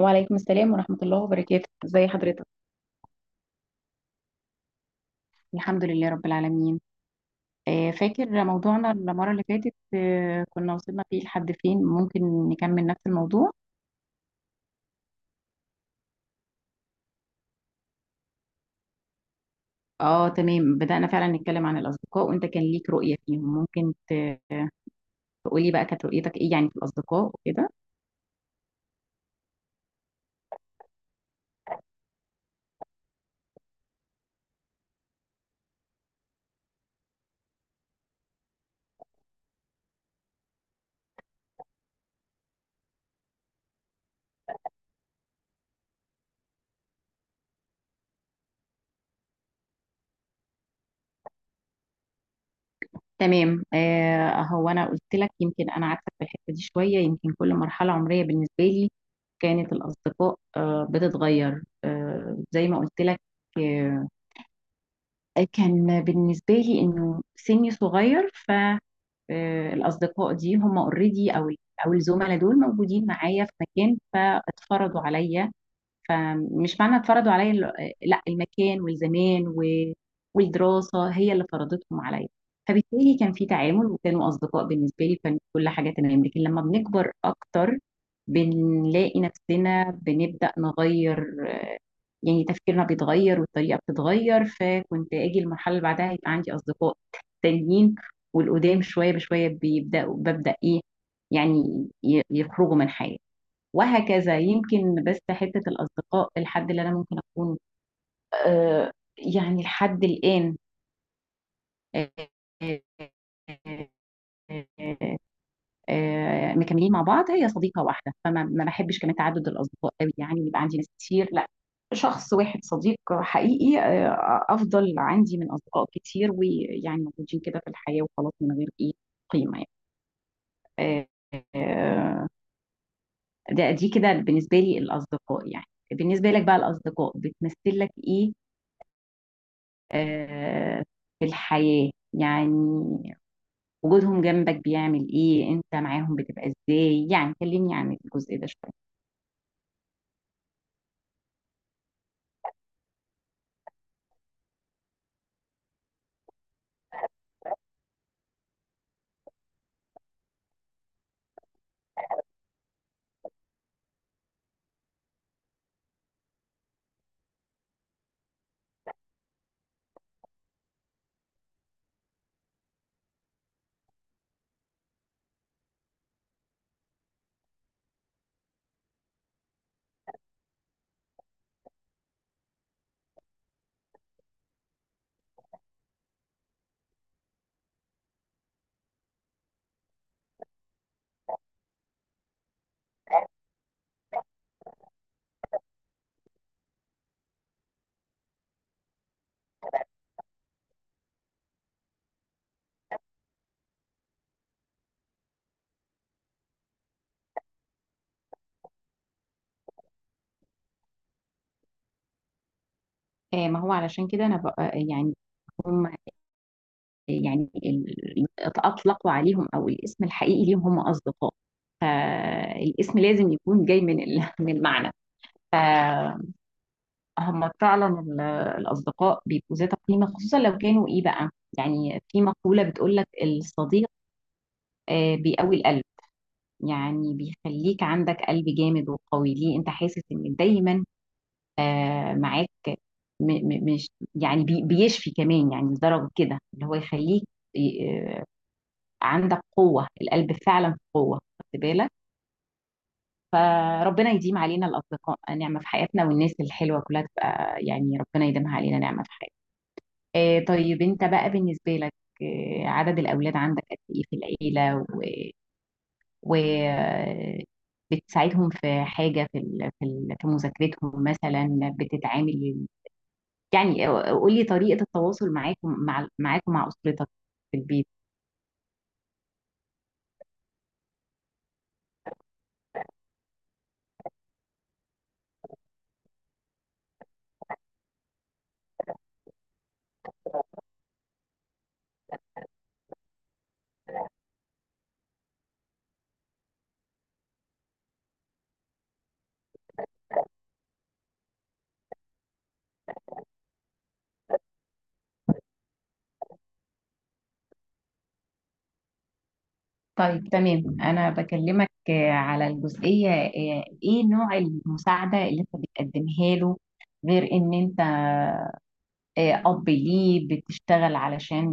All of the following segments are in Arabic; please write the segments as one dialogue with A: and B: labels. A: وعليكم السلام ورحمة الله وبركاته، ازي حضرتك؟ الحمد لله رب العالمين. فاكر موضوعنا المرة اللي فاتت؟ كنا وصلنا فيه لحد فين؟ ممكن نكمل نفس الموضوع. اه تمام، بدأنا فعلا نتكلم عن الأصدقاء وانت كان ليك رؤية فيهم. تقولي بقى كانت رؤيتك ايه يعني في الأصدقاء وكده. تمام. هو انا قلت لك يمكن انا عكسك في الحتة دي شوية. يمكن كل مرحلة عمرية بالنسبة لي كانت الأصدقاء بتتغير، زي ما قلت لك. آه، كان بالنسبة لي إنه سني صغير، فالأصدقاء دي هم اوريدي أو الزملاء دول موجودين معايا في مكان فاتفرضوا عليا. فمش معنى اتفرضوا عليا لا، المكان والزمان والدراسة هي اللي فرضتهم عليا. فبالتالي كان في تعامل وكانوا أصدقاء بالنسبة لي، كان كل حاجة تمام. لكن لما بنكبر أكتر بنلاقي نفسنا بنبدأ نغير، يعني تفكيرنا بيتغير والطريقة بتتغير. فكنت أجي المرحلة اللي بعدها يبقى عندي أصدقاء تانيين، والقدام شوية بشوية بيبدأوا ببدأ إيه، يعني يخرجوا من حياتي، وهكذا. يمكن بس حتة الأصدقاء الحد اللي أنا ممكن أكون آه يعني لحد الآن آه، آه، آه، آه، آه، مكملين مع بعض هي صديقه واحده. فما ما بحبش كمان تعدد الاصدقاء قوي، يعني يبقى عندي ناس كتير، لا. شخص واحد صديق حقيقي افضل عندي من اصدقاء كتير ويعني موجودين كده في الحياه وخلاص من غير ايه قيمه يعني. آه، آه، ده دي كده بالنسبه لي الاصدقاء يعني. بالنسبه لك بقى الاصدقاء بتمثل لك ايه آه، في الحياه يعني؟ وجودهم جنبك بيعمل ايه؟ انت معاهم بتبقى ازاي يعني؟ كلمني عن الجزء ده شويه. ما هو علشان كده انا بقى يعني هم، يعني اطلقوا عليهم او الاسم الحقيقي ليهم هم اصدقاء، فالاسم لازم يكون جاي من من المعنى. فهم فعلا الاصدقاء بيبقوا ذات قيمه، خصوصا لو كانوا ايه بقى. يعني في مقوله بتقول لك الصديق بيقوي القلب، يعني بيخليك عندك قلب جامد وقوي، ليه انت حاسس ان دايما معاك. م م مش يعني بيشفي كمان يعني، لدرجة كده اللي هو يخليك ي- آه، عندك قوة القلب، فعلا في قوة، خدت بالك. فربنا يديم علينا الأصدقاء نعمة في حياتنا، والناس الحلوة كلها تبقى يعني ربنا يديمها علينا نعمة في حياتنا. طيب أنت بقى بالنسبة لك عدد الأولاد عندك قد إيه في العيلة؟ و, و... آه، بتساعدهم في حاجة في في مذاكرتهم مثلا؟ بتتعامل يعني، قولي طريقة التواصل معاكم مع أسرتك في البيت. طيب تمام، أنا بكلمك على الجزئية إيه نوع المساعدة اللي أنت بتقدمها له غير إن أنت أب ليه بتشتغل علشان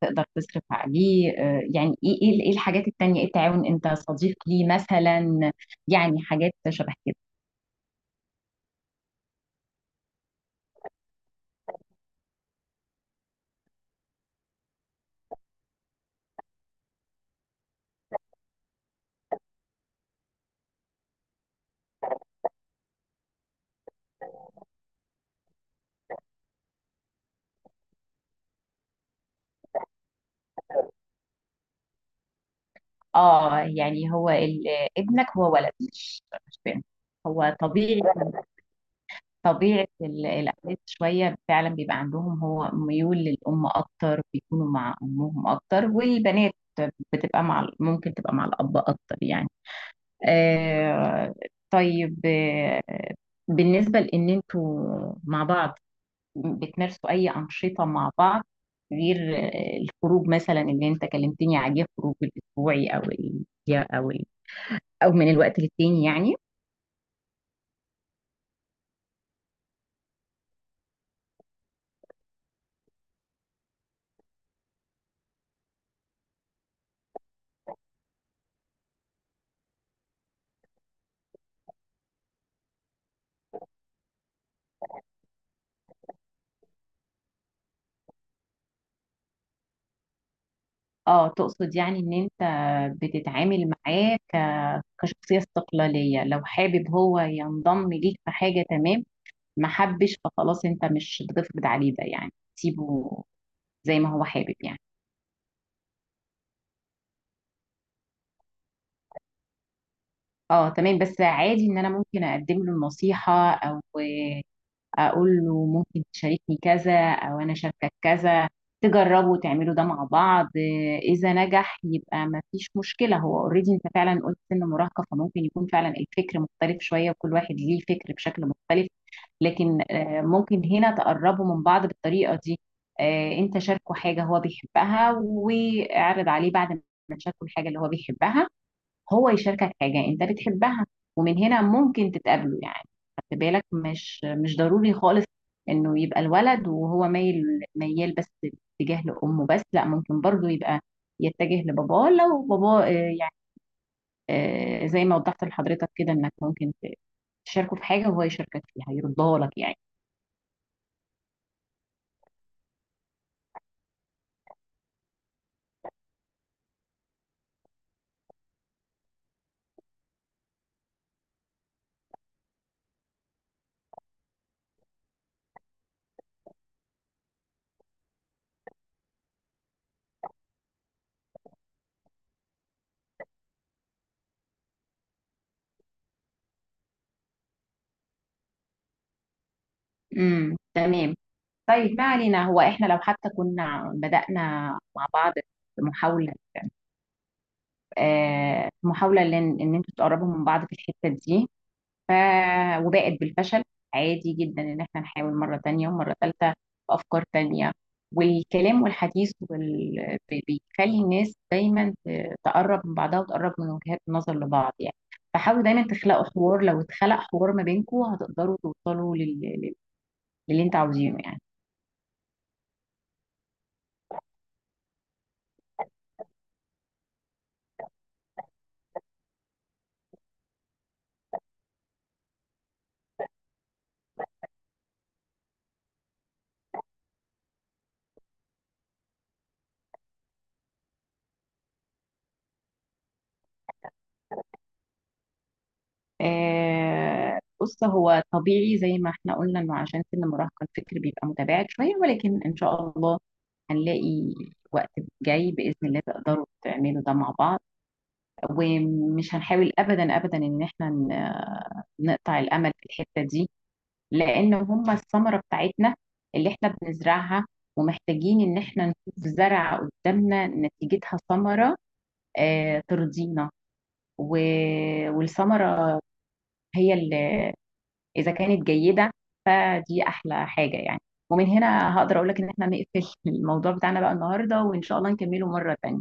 A: تقدر تصرف عليه. يعني إيه الحاجات التانية؟ إيه التعاون؟ أنت صديق ليه مثلا؟ يعني حاجات شبه كده. آه يعني هو ابنك هو ولد مش بنت؟ هو طبيعي طبيعة الأولاد شوية فعلا بيبقى عندهم هو ميول للأم أكتر، بيكونوا مع أمهم أكتر. والبنات بتبقى مع ممكن تبقى مع الأب أكتر يعني. آه طيب. آه بالنسبة لأن أنتوا مع بعض بتمارسوا أي أنشطة مع بعض غير الخروج مثلا اللي أنت كلمتني عليه، خروج الأسبوعي أو أو ال... أو من الوقت للتاني يعني؟ اه تقصد يعني ان انت بتتعامل معاه كشخصية استقلالية، لو حابب هو ينضم ليك في حاجة تمام، ما حبش فخلاص انت مش هتفرض عليه ده، يعني سيبه زي ما هو حابب يعني. اه تمام، بس عادي ان انا ممكن اقدم له النصيحة او اقول له ممكن تشاركني كذا او انا شاركك كذا، تجربوا تعملوا ده مع بعض. اذا نجح يبقى ما فيش مشكلة. هو اوريدي انت فعلا قلت سن مراهقة، فممكن يكون فعلا الفكر مختلف شوية، وكل واحد ليه فكر بشكل مختلف. لكن ممكن هنا تقربوا من بعض بالطريقة دي. انت شاركه حاجة هو بيحبها، واعرض عليه بعد ما تشاركه الحاجة اللي هو بيحبها هو يشاركك حاجة انت بتحبها، ومن هنا ممكن تتقابلوا يعني. خد بالك مش ضروري خالص انه يبقى الولد وهو مايل، ميال بس اتجاه لامه بس، لا ممكن برضو يبقى يتجه لباباه لو باباه يعني زي ما وضحت لحضرتك كده انك ممكن تشاركه في حاجه وهو يشاركك فيها يرضاه لك يعني. تمام. طيب ما علينا، هو احنا لو حتى كنا بدأنا مع بعض محاولة، آه محاولة لان ان انتوا تقربوا من بعض في الحتة دي، ف وباءت بالفشل، عادي جدا ان احنا نحاول مرة تانية ومرة تالتة بأفكار تانية. والكلام والحديث بيخلي الناس دايما تقرب من بعضها وتقرب من وجهات النظر لبعض يعني. فحاولوا دايما تخلقوا حوار، لو اتخلق حوار ما بينكم هتقدروا توصلوا للي انت عاوزينه يعني. بص هو طبيعي زي ما احنا قلنا انه عشان سن المراهقة الفكر بيبقى متباعد شوية، ولكن ان شاء الله هنلاقي وقت جاي بإذن الله تقدروا تعملوا ده مع بعض. ومش هنحاول أبدا أبدا إن احنا نقطع الأمل في الحتة دي، لأن هما الثمرة بتاعتنا اللي احنا بنزرعها، ومحتاجين إن احنا نشوف زرع قدامنا نتيجتها ثمرة ترضينا. والثمرة هي اللي اذا كانت جيده فدي احلى حاجه يعني. ومن هنا هقدر اقول لك ان احنا نقفل الموضوع بتاعنا بقى النهارده، وان شاء الله نكمله مره تانية.